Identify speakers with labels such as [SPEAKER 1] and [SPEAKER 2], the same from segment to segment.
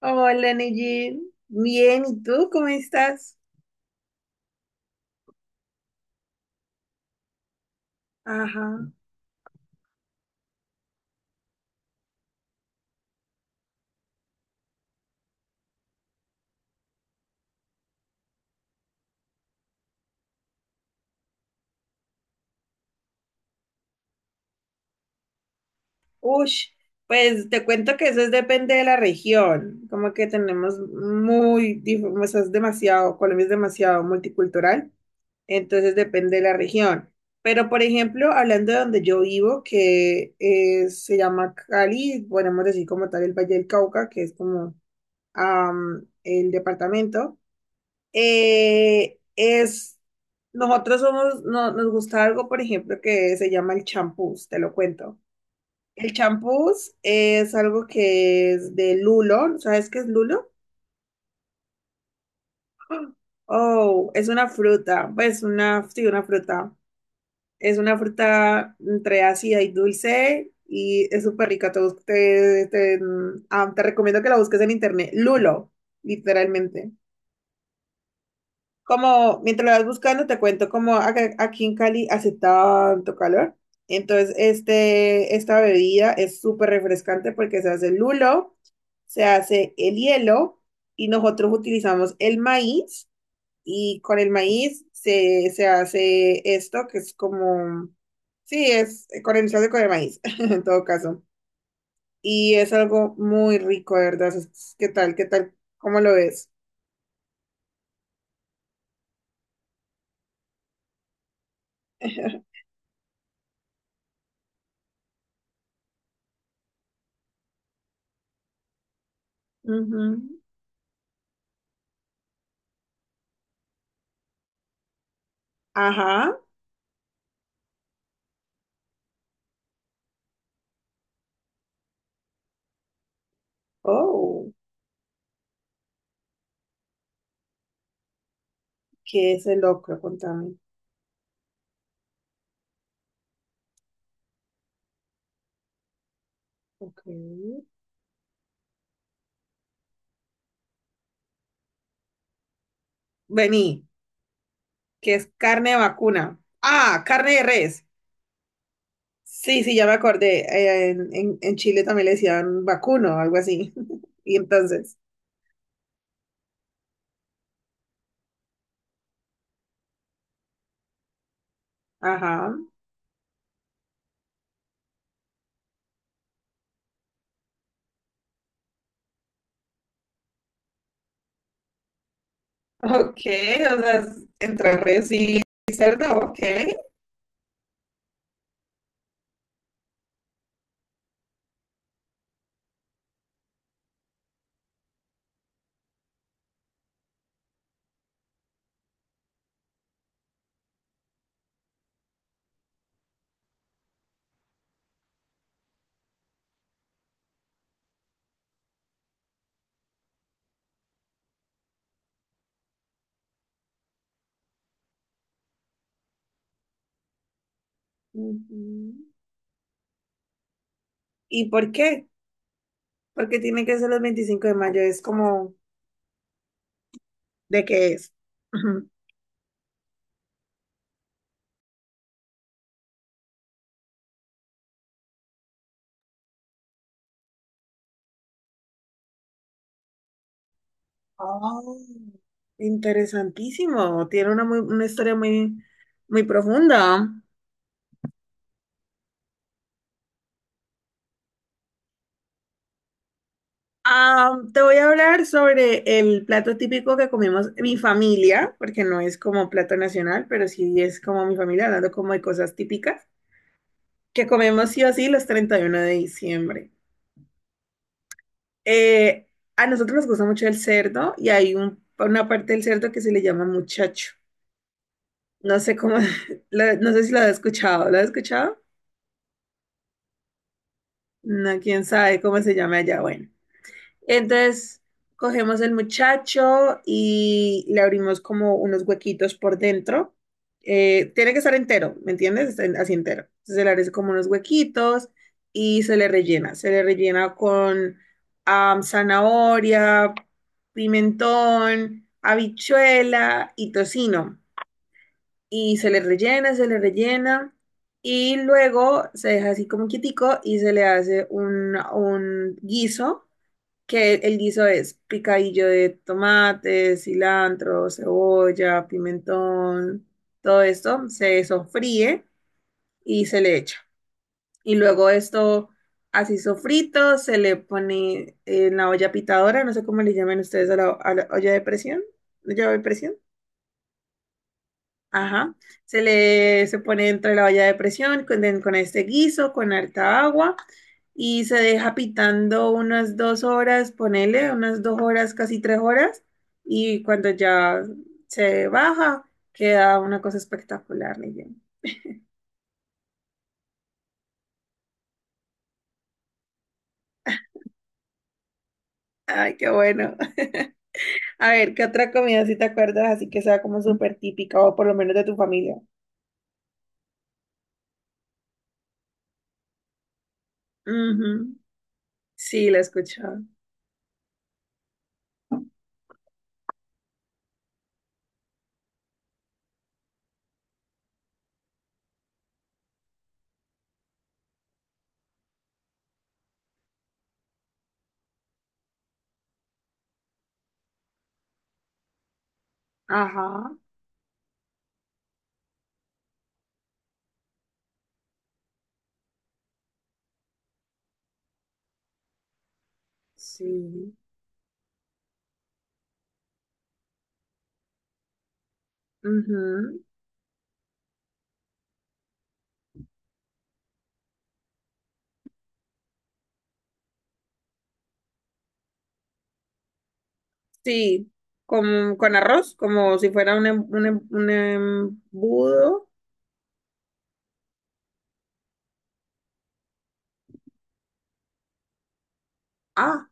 [SPEAKER 1] Hola, Neji. Bien, ¿y tú cómo estás? Ajá. Ush, pues te cuento que eso es- depende de la región. Como que tenemos muy, o sea, es demasiado, Colombia es demasiado multicultural, entonces depende de la región. Pero, por ejemplo, hablando de donde yo vivo, que se llama Cali, podemos decir como tal el Valle del Cauca, que es como el departamento. eh, es, Nosotros somos, nos gusta algo, por ejemplo, que se llama el champús, te lo cuento. El champús es algo que es de lulo, ¿sabes qué es lulo? Oh, es una fruta, pues una, sí, una fruta. Es una fruta entre ácida y dulce y es súper rica. Te, bus- te- mm, ah, Te recomiendo que la busques en internet. Lulo, literalmente. Como mientras lo vas buscando, te cuento como aquí en Cali hace tanto calor. Entonces, esta bebida es súper refrescante porque se hace el lulo, se hace el hielo y nosotros utilizamos el maíz y con el maíz se hace esto que es como, sí, es se hace con el maíz en todo caso. Y es algo muy rico, de verdad. Es- ¿Qué tal? ¿Qué tal? ¿Cómo lo ves? Ujú. Ajá. Oh. ¿Qué es el locro? Contame. Ok. Vení, que es carne de vacuna. Ah, carne de res. Sí, sí, ya me acordé. En Chile también le decían vacuno, algo así. Y entonces, ajá. Ok, o sea, es entre res y cerdo, ok. Ujú. ¿Y por qué? Porque tiene que ser los 25 de mayo, es como, ¿de qué es? Oh, interesantísimo. Tiene una, una historia muy, muy profunda. Ah, te voy a hablar sobre el plato típico que comemos mi familia, porque no es como plato nacional, pero sí es como mi familia, hablando como de cosas típicas, que comemos sí o sí los 31 de diciembre. Eh, a nosotros nos gusta mucho el cerdo y hay una parte del cerdo que se le llama muchacho. No sé cómo, no sé si lo has escuchado. ¿Lo has escuchado? No, quién sabe cómo se llama allá. Bueno. Entonces cogemos el muchacho y le abrimos como unos huequitos por dentro. Tiene que estar entero, ¿me entiendes? Está En- Así entero. Entonces se le hace como unos huequitos y se le rellena. Se le rellena con zanahoria, pimentón, habichuela y tocino. Y se le rellena, se le rellena. Y luego se deja así como quietico y se le hace un guiso que el guiso es picadillo de tomate, cilantro, cebolla, pimentón, todo esto se sofríe y se le echa. Y luego esto así sofrito se le pone en la olla pitadora, no sé cómo le llaman ustedes a a la olla de presión, olla de presión. Ajá. Se pone dentro de la olla de presión con este guiso, con harta agua y se deja pitando unas 2 horas, ponele unas 2 horas, casi 3 horas. Y cuando ya se baja, queda una cosa espectacular, Neyen. Ay, qué bueno. A ver, ¿qué otra comida si te acuerdas así que sea como súper típica o por lo menos de tu familia? Ujú. Sí, la he escuchado. Ajá. Sí. Ujú. Sí, con arroz, como si fuera un embudo. Ah,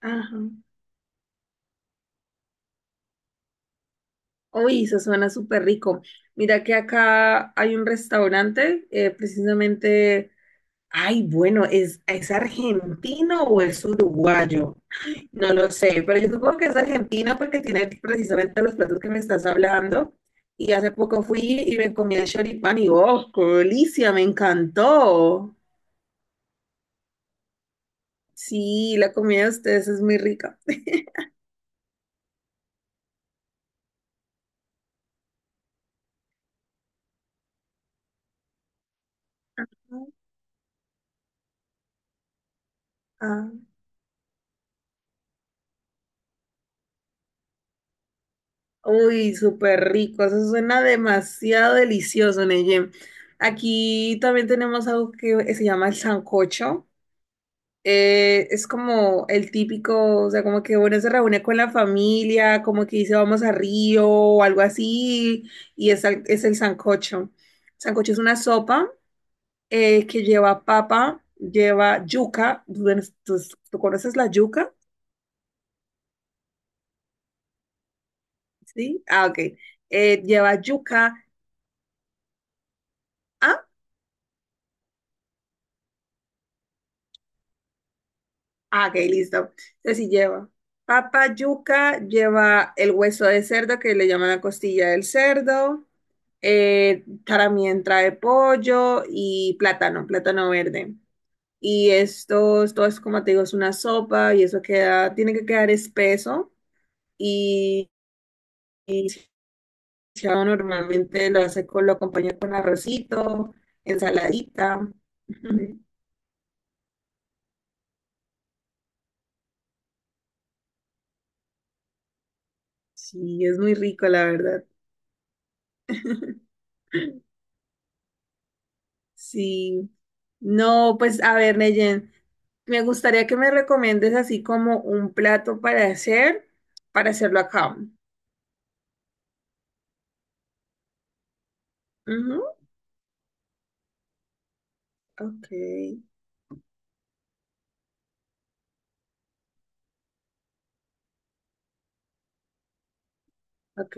[SPEAKER 1] ajá. Uy, eso suena súper rico. Mira que acá hay un restaurante, precisamente, ay, bueno, ¿es argentino o es uruguayo? No lo sé, pero yo supongo que es argentino porque tiene precisamente los platos que me estás hablando. Y hace poco fui y me comí el choripán y, oh, qué delicia, me encantó. Sí, la comida de ustedes es muy rica. Ah, uy, súper rico, eso suena demasiado delicioso, Neyen. Aquí también tenemos algo que se llama el sancocho. Es como el típico, o sea, como que uno se reúne con la familia, como que dice vamos a Río o algo así, y es, es el sancocho. Sancocho es una sopa que lleva papa, lleva yuca. Bueno, ¿Tú, tú conoces la yuca? Sí. Ah, ok. Lleva yuca. Ah, Ah, ok, listo. Entonces sí lleva papa, yuca, lleva el hueso de cerdo que le llaman la costilla del cerdo, también trae pollo y plátano, plátano verde. Y esto es como te digo, es una sopa y eso queda, tiene que quedar espeso y, y chao, normalmente lo hace con, lo acompaña con arrocito, ensaladita. Sí, es muy rico, la verdad. Sí. No, pues a ver, Neyen, me gustaría que me recomiendes así como un plato para hacer, para hacerlo acá. Ujú, ok, ok,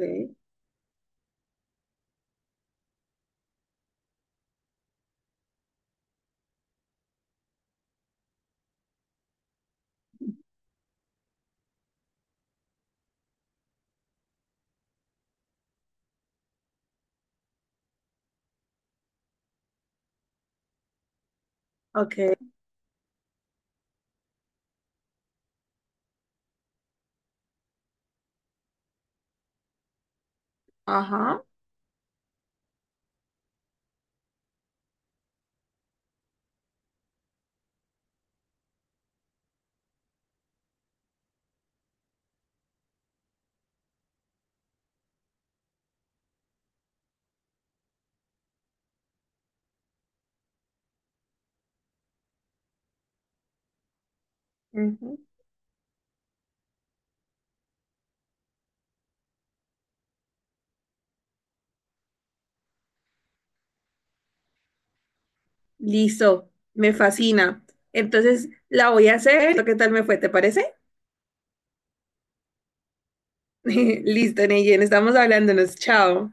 [SPEAKER 1] ok. Ajá. Ujú. Listo, me fascina. Entonces, la voy a hacer. ¿Qué tal me fue? ¿Te parece? Listo, Neyen, estamos hablándonos. Chao.